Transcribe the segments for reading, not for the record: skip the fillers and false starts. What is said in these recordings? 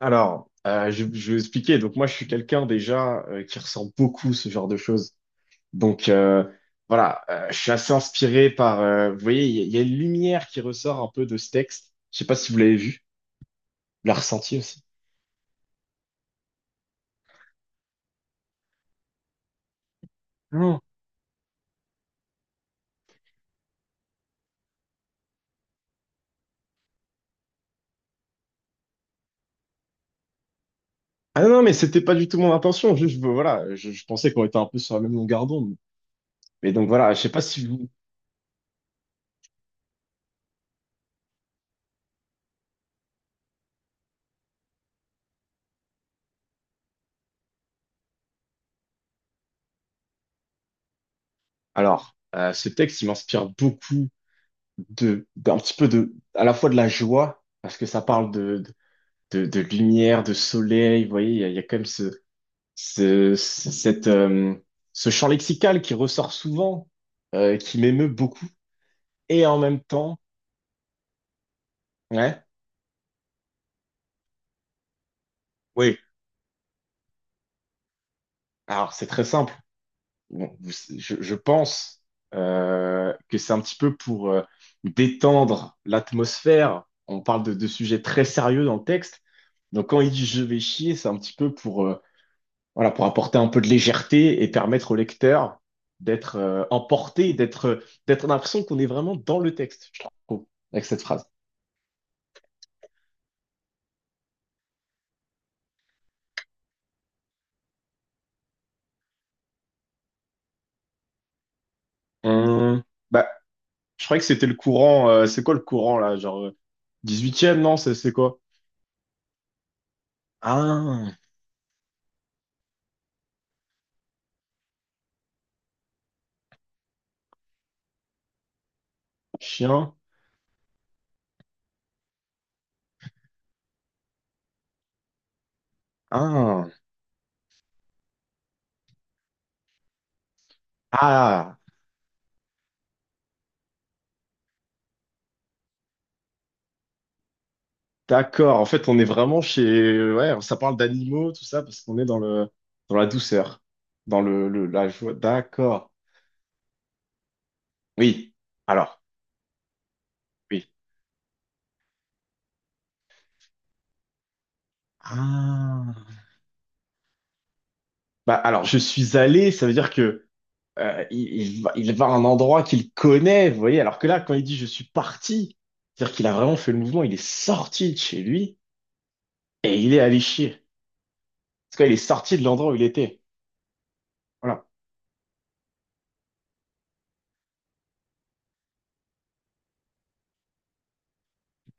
Alors, je vais vous expliquer. Donc, moi, je suis quelqu'un déjà qui ressent beaucoup ce genre de choses. Donc, voilà, je suis assez inspiré par. Vous voyez, il y a une lumière qui ressort un peu de ce texte. Je sais pas si vous l'avez vu, vous l'avez ressenti aussi. Non. Ah non, non, mais c'était pas du tout mon intention. Juste, voilà, je pensais qu'on était un peu sur la même longueur d'onde. Mais donc voilà, je sais pas si vous. Alors, ce texte, il m'inspire beaucoup d'un petit peu de, à la fois de la joie, parce que ça parle de lumière, de soleil. Vous voyez, il y a quand même ce, ce- cette, euh, ce champ lexical qui ressort souvent, qui m'émeut beaucoup. Et en même temps, ouais, oui. Alors, c'est très simple. Bon, je pense que c'est un petit peu pour détendre l'atmosphère. On parle de sujets très sérieux dans le texte. Donc, quand il dit je vais chier, c'est un petit peu pour voilà, pour apporter un peu de légèreté et permettre au lecteur d'être emporté, d'être on a l'impression qu'on est vraiment dans le texte, je trouve, avec cette phrase. Hum, bah, je croyais que c'était le courant, c'est quoi le courant là, genre 18e, non, c'est quoi? Ah, chien. Ah, ah, d'accord. En fait, on est vraiment chez, ouais, ça parle d'animaux, tout ça, parce qu'on est dans le, dans la douceur, dans la joie. D'accord. Oui. Alors, oui. Ah. Bah, alors, je suis allé, ça veut dire que il va à un endroit qu'il connaît, vous voyez, alors que là, quand il dit je suis parti, c'est-à-dire qu'il a vraiment fait le mouvement, il est sorti de chez lui et il est allé chier. Parce qu'il est sorti de l'endroit où il était. Voilà.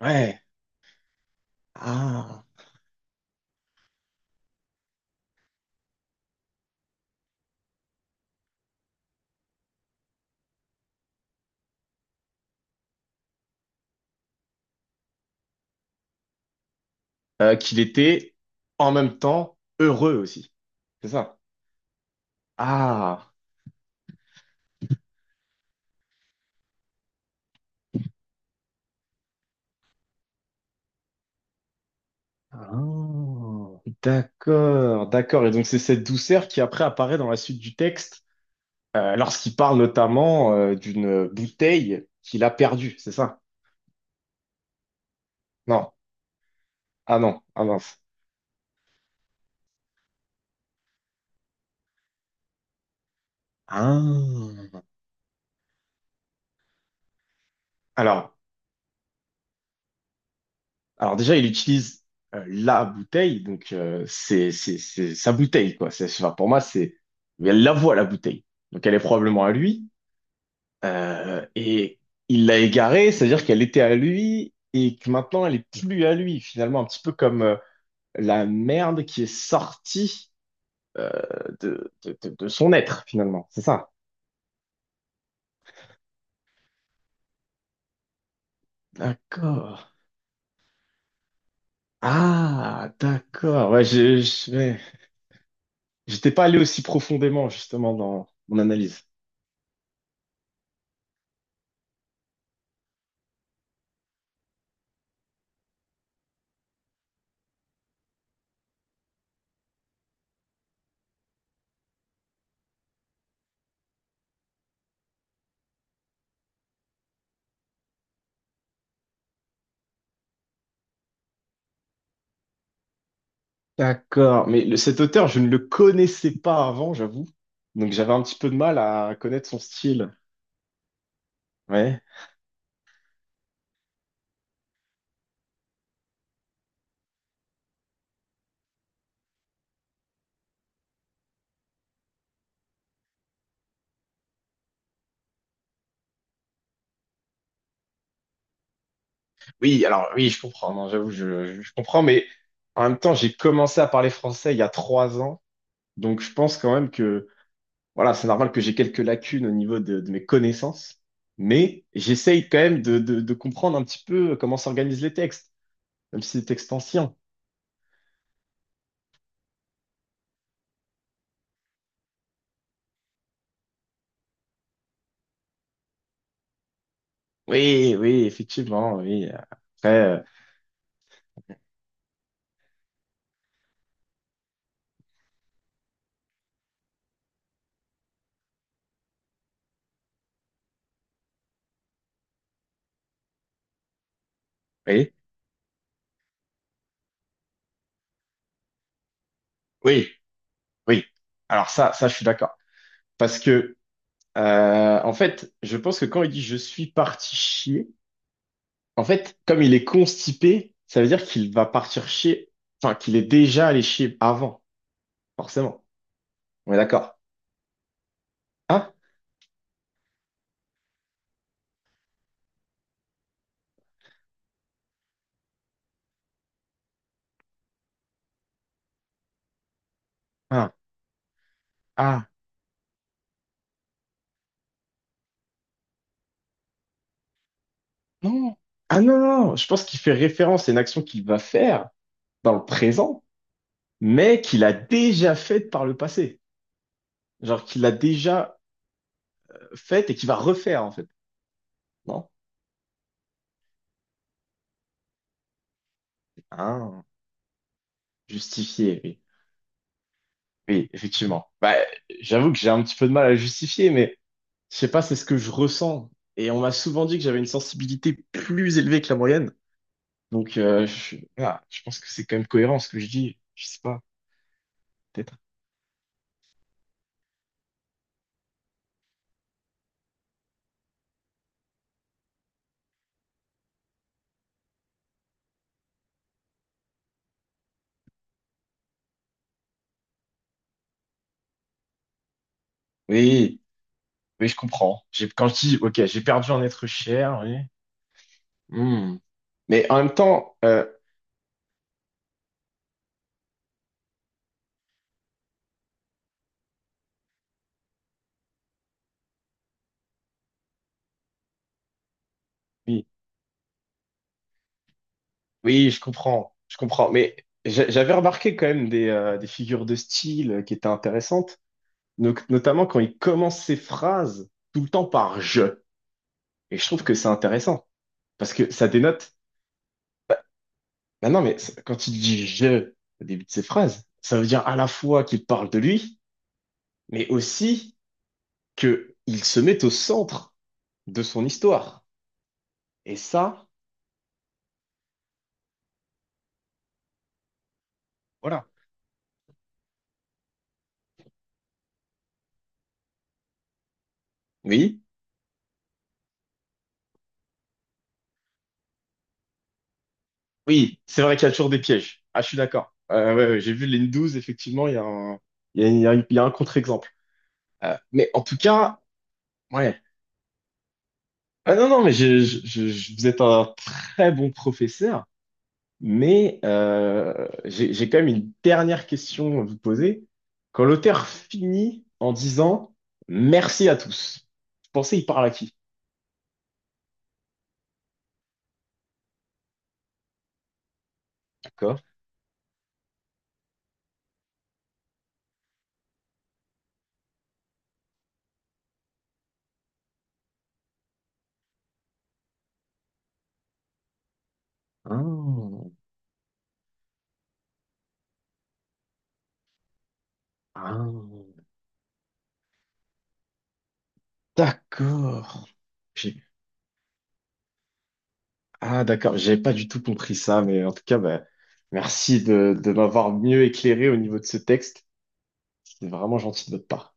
Ouais. Ah. Qu'il était en même temps heureux aussi. C'est ça. Ah. Ah. D'accord, d'accord. Et donc, c'est cette douceur qui après apparaît dans la suite du texte. Lorsqu'il parle notamment d'une bouteille qu'il a perdue, c'est ça? Non. Ah non, ah mince. Ah. Alors, alors, déjà, il utilise la bouteille, donc c'est sa bouteille, quoi. C'est, enfin, pour moi, c'est... mais elle la voit, la bouteille. Donc elle est probablement à lui. Et il l'a égarée, c'est-à-dire qu'elle était à lui et que maintenant, elle est plus à lui. Finalement, un petit peu comme la merde qui est sortie euh, de son être, finalement. C'est ça. D'accord. Ah, d'accord. Ouais, ouais. J'étais pas allé aussi profondément, justement, dans mon analyse. D'accord. Mais cet auteur, je ne le connaissais pas avant, j'avoue. Donc j'avais un petit peu de mal à connaître son style. Ouais. Oui, alors oui, je comprends. Non, j'avoue, je comprends. Mais en même temps, j'ai commencé à parler français il y a 3 ans. Donc je pense quand même que, voilà, c'est normal que j'ai quelques lacunes au niveau de mes connaissances. Mais j'essaye quand même de comprendre un petit peu comment s'organisent les textes. Même si c'est extension. Oui, oui, effectivement, oui. Après, euh, oui, oui, oui. Alors ça, je suis d'accord. Parce que, en fait, je pense que quand il dit je suis parti chier, en fait, comme il est constipé, ça veut dire qu'il va partir chier, enfin, qu'il est déjà allé chier avant, forcément. On est d'accord. Hein? Hein? Ah, non. Ah non, non, non. Je pense qu'il fait référence à une action qu'il va faire dans le présent, mais qu'il a déjà faite par le passé. Genre qu'il a déjà faite et qui va refaire, en fait. Non? Ah, justifier, oui. Oui, effectivement. Bah, j'avoue que j'ai un petit peu de mal à justifier, mais je sais pas, c'est ce que je ressens. Et on m'a souvent dit que j'avais une sensibilité plus élevée que la moyenne. Donc, je pense que c'est quand même cohérent ce que je dis. Je sais pas, peut-être. Oui, oui, je comprends. J'ai, quand je dis, ok, j'ai perdu un être cher, oui. Hmm. Mais en même temps, oui, oui, je comprends, je comprends. Mais j'avais remarqué quand même des figures de style qui étaient intéressantes, notamment quand il commence ses phrases tout le temps par je. Et je trouve que c'est intéressant parce que ça dénote. Bah non, mais quand il dit je au début de ses phrases, ça veut dire à la fois qu'il parle de lui, mais aussi que il se met au centre de son histoire. Et ça, voilà. Oui. Oui, c'est vrai qu'il y a toujours des pièges. Ah, je suis d'accord. Ouais, ouais, j'ai vu les n 12, effectivement, il y a un, il y a un contre-exemple. Mais en tout cas, ouais. Ah, non, non, mais vous êtes un très bon professeur, mais j'ai quand même une dernière question à vous poser. Quand l'auteur finit en disant merci à tous, vous pensez il parle à qui? D'accord. Ah, ah, d'accord. J'ai- Ah, d'accord, j'avais pas du tout compris ça, mais en tout cas, bah, merci de m'avoir mieux éclairé au niveau de ce texte. C'était vraiment gentil de votre part.